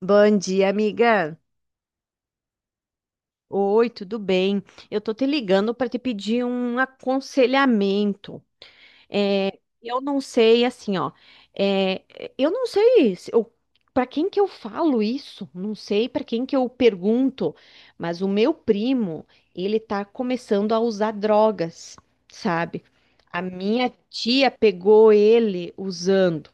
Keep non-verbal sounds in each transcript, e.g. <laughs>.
Bom dia, amiga. Oi, tudo bem? Eu tô te ligando para te pedir um aconselhamento. É, eu não sei, assim, ó. é, eu não sei se eu, para quem que eu falo isso. Não sei para quem que eu pergunto. Mas o meu primo, ele tá começando a usar drogas, sabe? A minha tia pegou ele usando.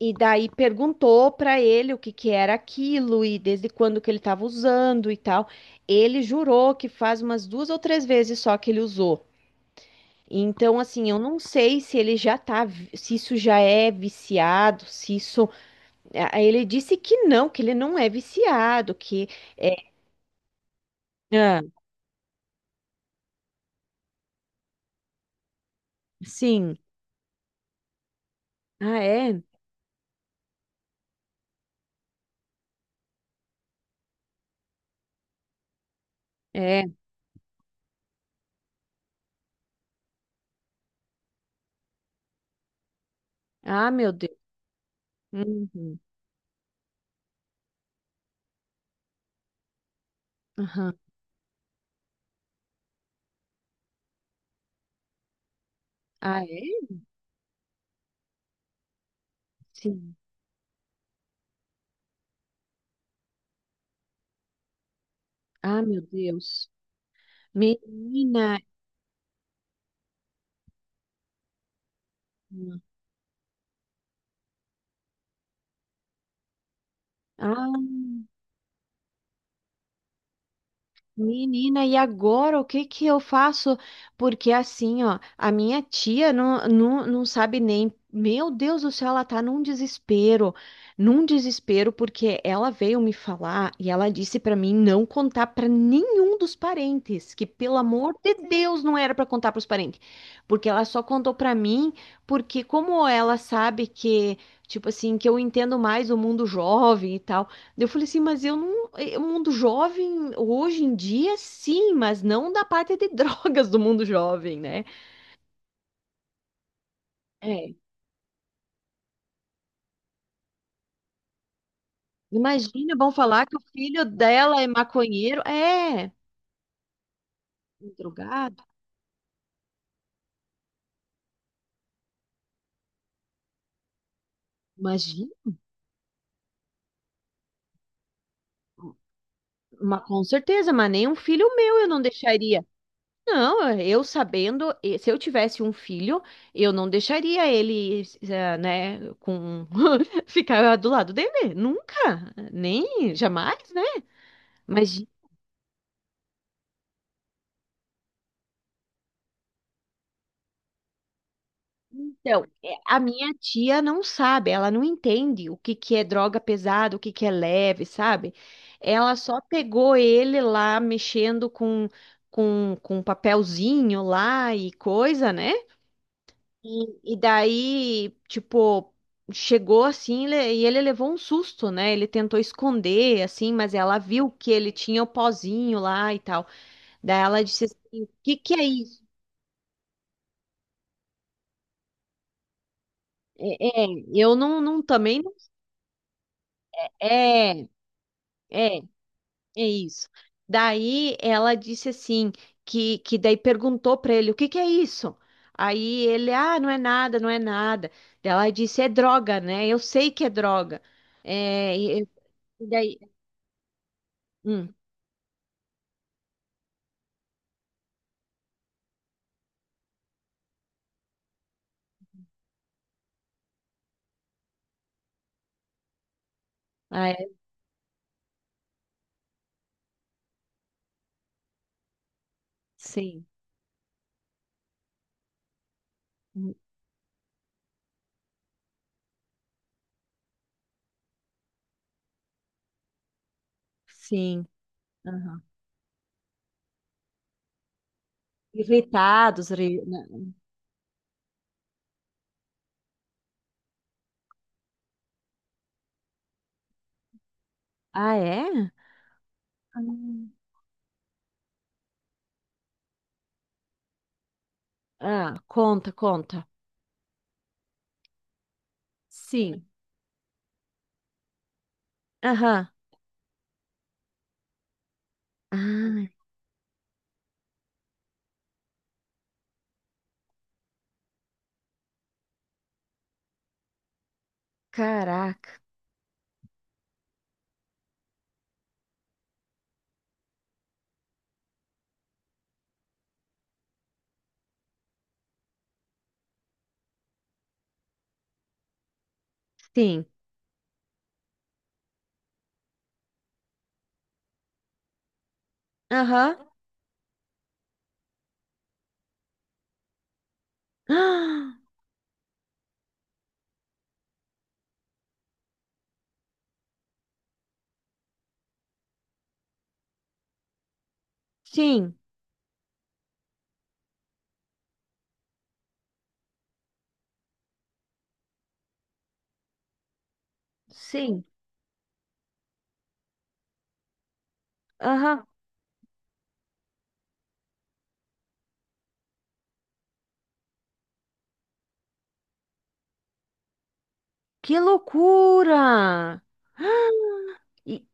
E daí perguntou para ele o que que era aquilo e desde quando que ele estava usando e tal. Ele jurou que faz umas duas ou três vezes só que ele usou. Então, assim, eu não sei se ele já tá, se isso já é viciado, se isso. Ah, ele disse que não, que ele não é viciado, que é. Ah, sim. Ah, é? É. Ah, meu Deus. Uhum. Aham. Ah, é? Sim. Ah, meu Deus. Menina. Ah, menina, e agora o que que eu faço? Porque assim, ó, a minha tia não sabe nem. Meu Deus do céu, ela tá num desespero, porque ela veio me falar e ela disse pra mim não contar pra nenhum dos parentes, que pelo amor de Deus não era pra contar pros parentes, porque ela só contou pra mim, porque como ela sabe que, tipo assim, que eu entendo mais o mundo jovem e tal. Eu falei assim, mas eu não. O mundo jovem, hoje em dia, sim, mas não da parte de <laughs> drogas do mundo jovem, né? É, imagina, vão falar que o filho dela é maconheiro. É, um drogado. Imagina, com certeza, mas nem um filho meu eu não deixaria. Não, eu sabendo, se eu tivesse um filho, eu não deixaria ele, eh, né, com <laughs> ficar do lado dele. Nunca, nem, jamais, né? Imagina. Então, é, a minha tia não sabe, ela não entende o que que é droga pesada, o que que é leve, sabe? Ela só pegou ele lá mexendo com, com papelzinho lá e coisa, né? E daí, tipo, chegou assim e ele levou um susto, né? Ele tentou esconder, assim, mas ela viu que ele tinha o pozinho lá e tal. Daí ela disse assim, o que que é isso? É, é, eu não também não. É, é. É isso. Daí ela disse assim, que daí perguntou para ele, o que que é isso? Aí ele, ah, não é nada, não é nada. Daí ela disse, é droga, né? Eu sei que é droga. É, e daí, hum, ah, é, sim, hum, sim, aham. Irritados, né? Ah, é? Hum. Ah, conta, conta. Sim, aham. Ai, caraca, sim, aham. <gasps> Ah, sim, sim. Aham. Que loucura! E-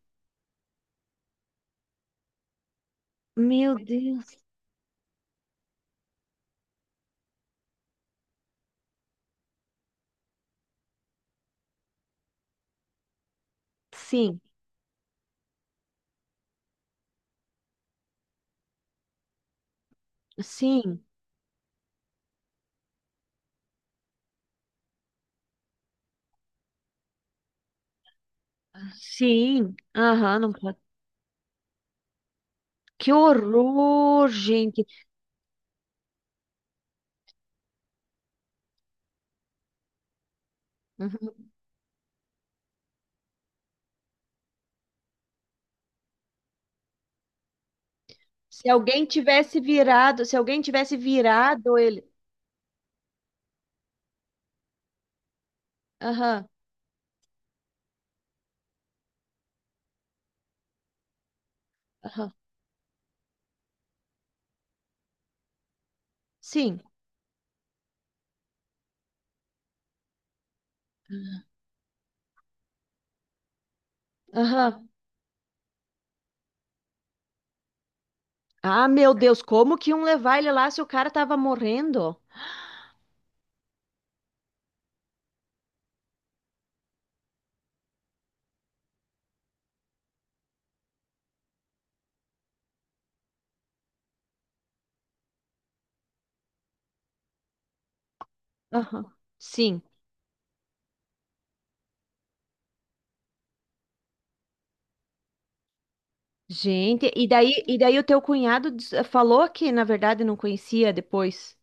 meu Deus. Sim, sim, sim. Aham, não pode. Que horror, gente. Uhum. Se alguém tivesse virado, se alguém tivesse virado ele. Aham, aham. Sim, aham. Ah, meu Deus, como que iam levar ele lá se o cara tava morrendo? Aham. Sim. Gente, e daí o teu cunhado falou que, na verdade, não conhecia depois.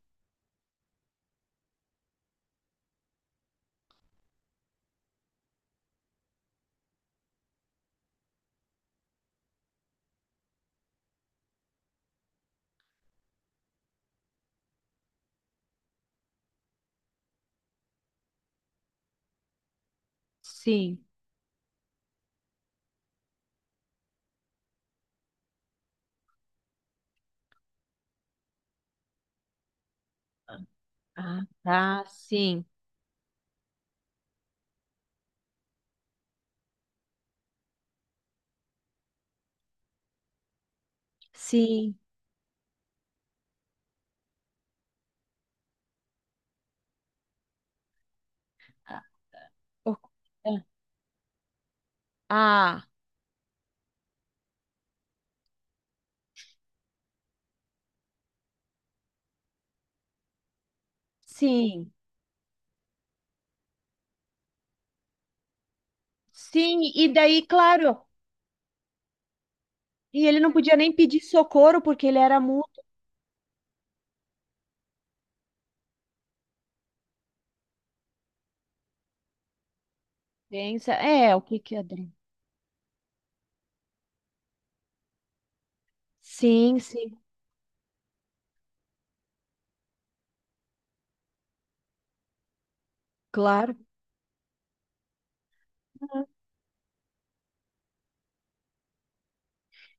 Sim. Ah, ah, sim, sim. Ah, o- é. Ah, sim, sim. E daí, claro, e ele não podia nem pedir socorro porque ele era muito densa. É, o que que é droga? Sim, sim, claro.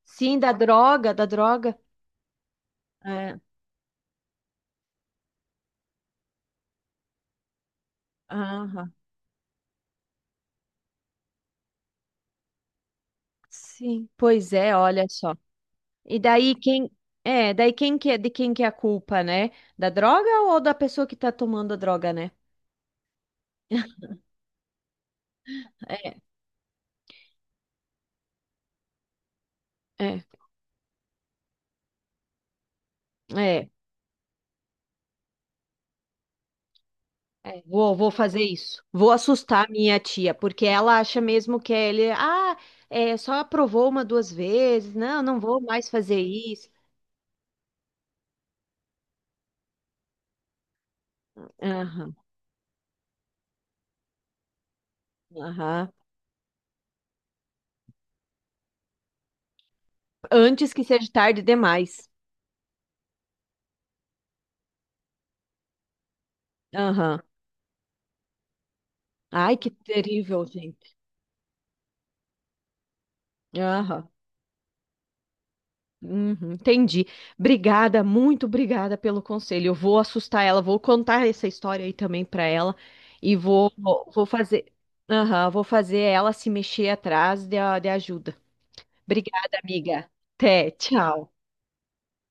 Sim, da droga, da droga. É, aham. Sim, pois é, olha só. E daí quem é, daí quem que é de quem que é a culpa, né? Da droga ou da pessoa que tá tomando a droga, né? É, é, é. É, vou, vou fazer isso. Vou assustar minha tia, porque ela acha mesmo que ele, ah, é, só aprovou uma, duas vezes. Não, não vou mais fazer isso. Aham, aham. Antes que seja tarde demais. Aham. Ai, que terrível, gente. Aham. Uhum, entendi. Obrigada, muito obrigada pelo conselho. Eu vou assustar ela, vou contar essa história aí também para ela e vou, vou fazer, aham, vou fazer ela se mexer atrás de, de ajuda. Obrigada, amiga. Até, tchau.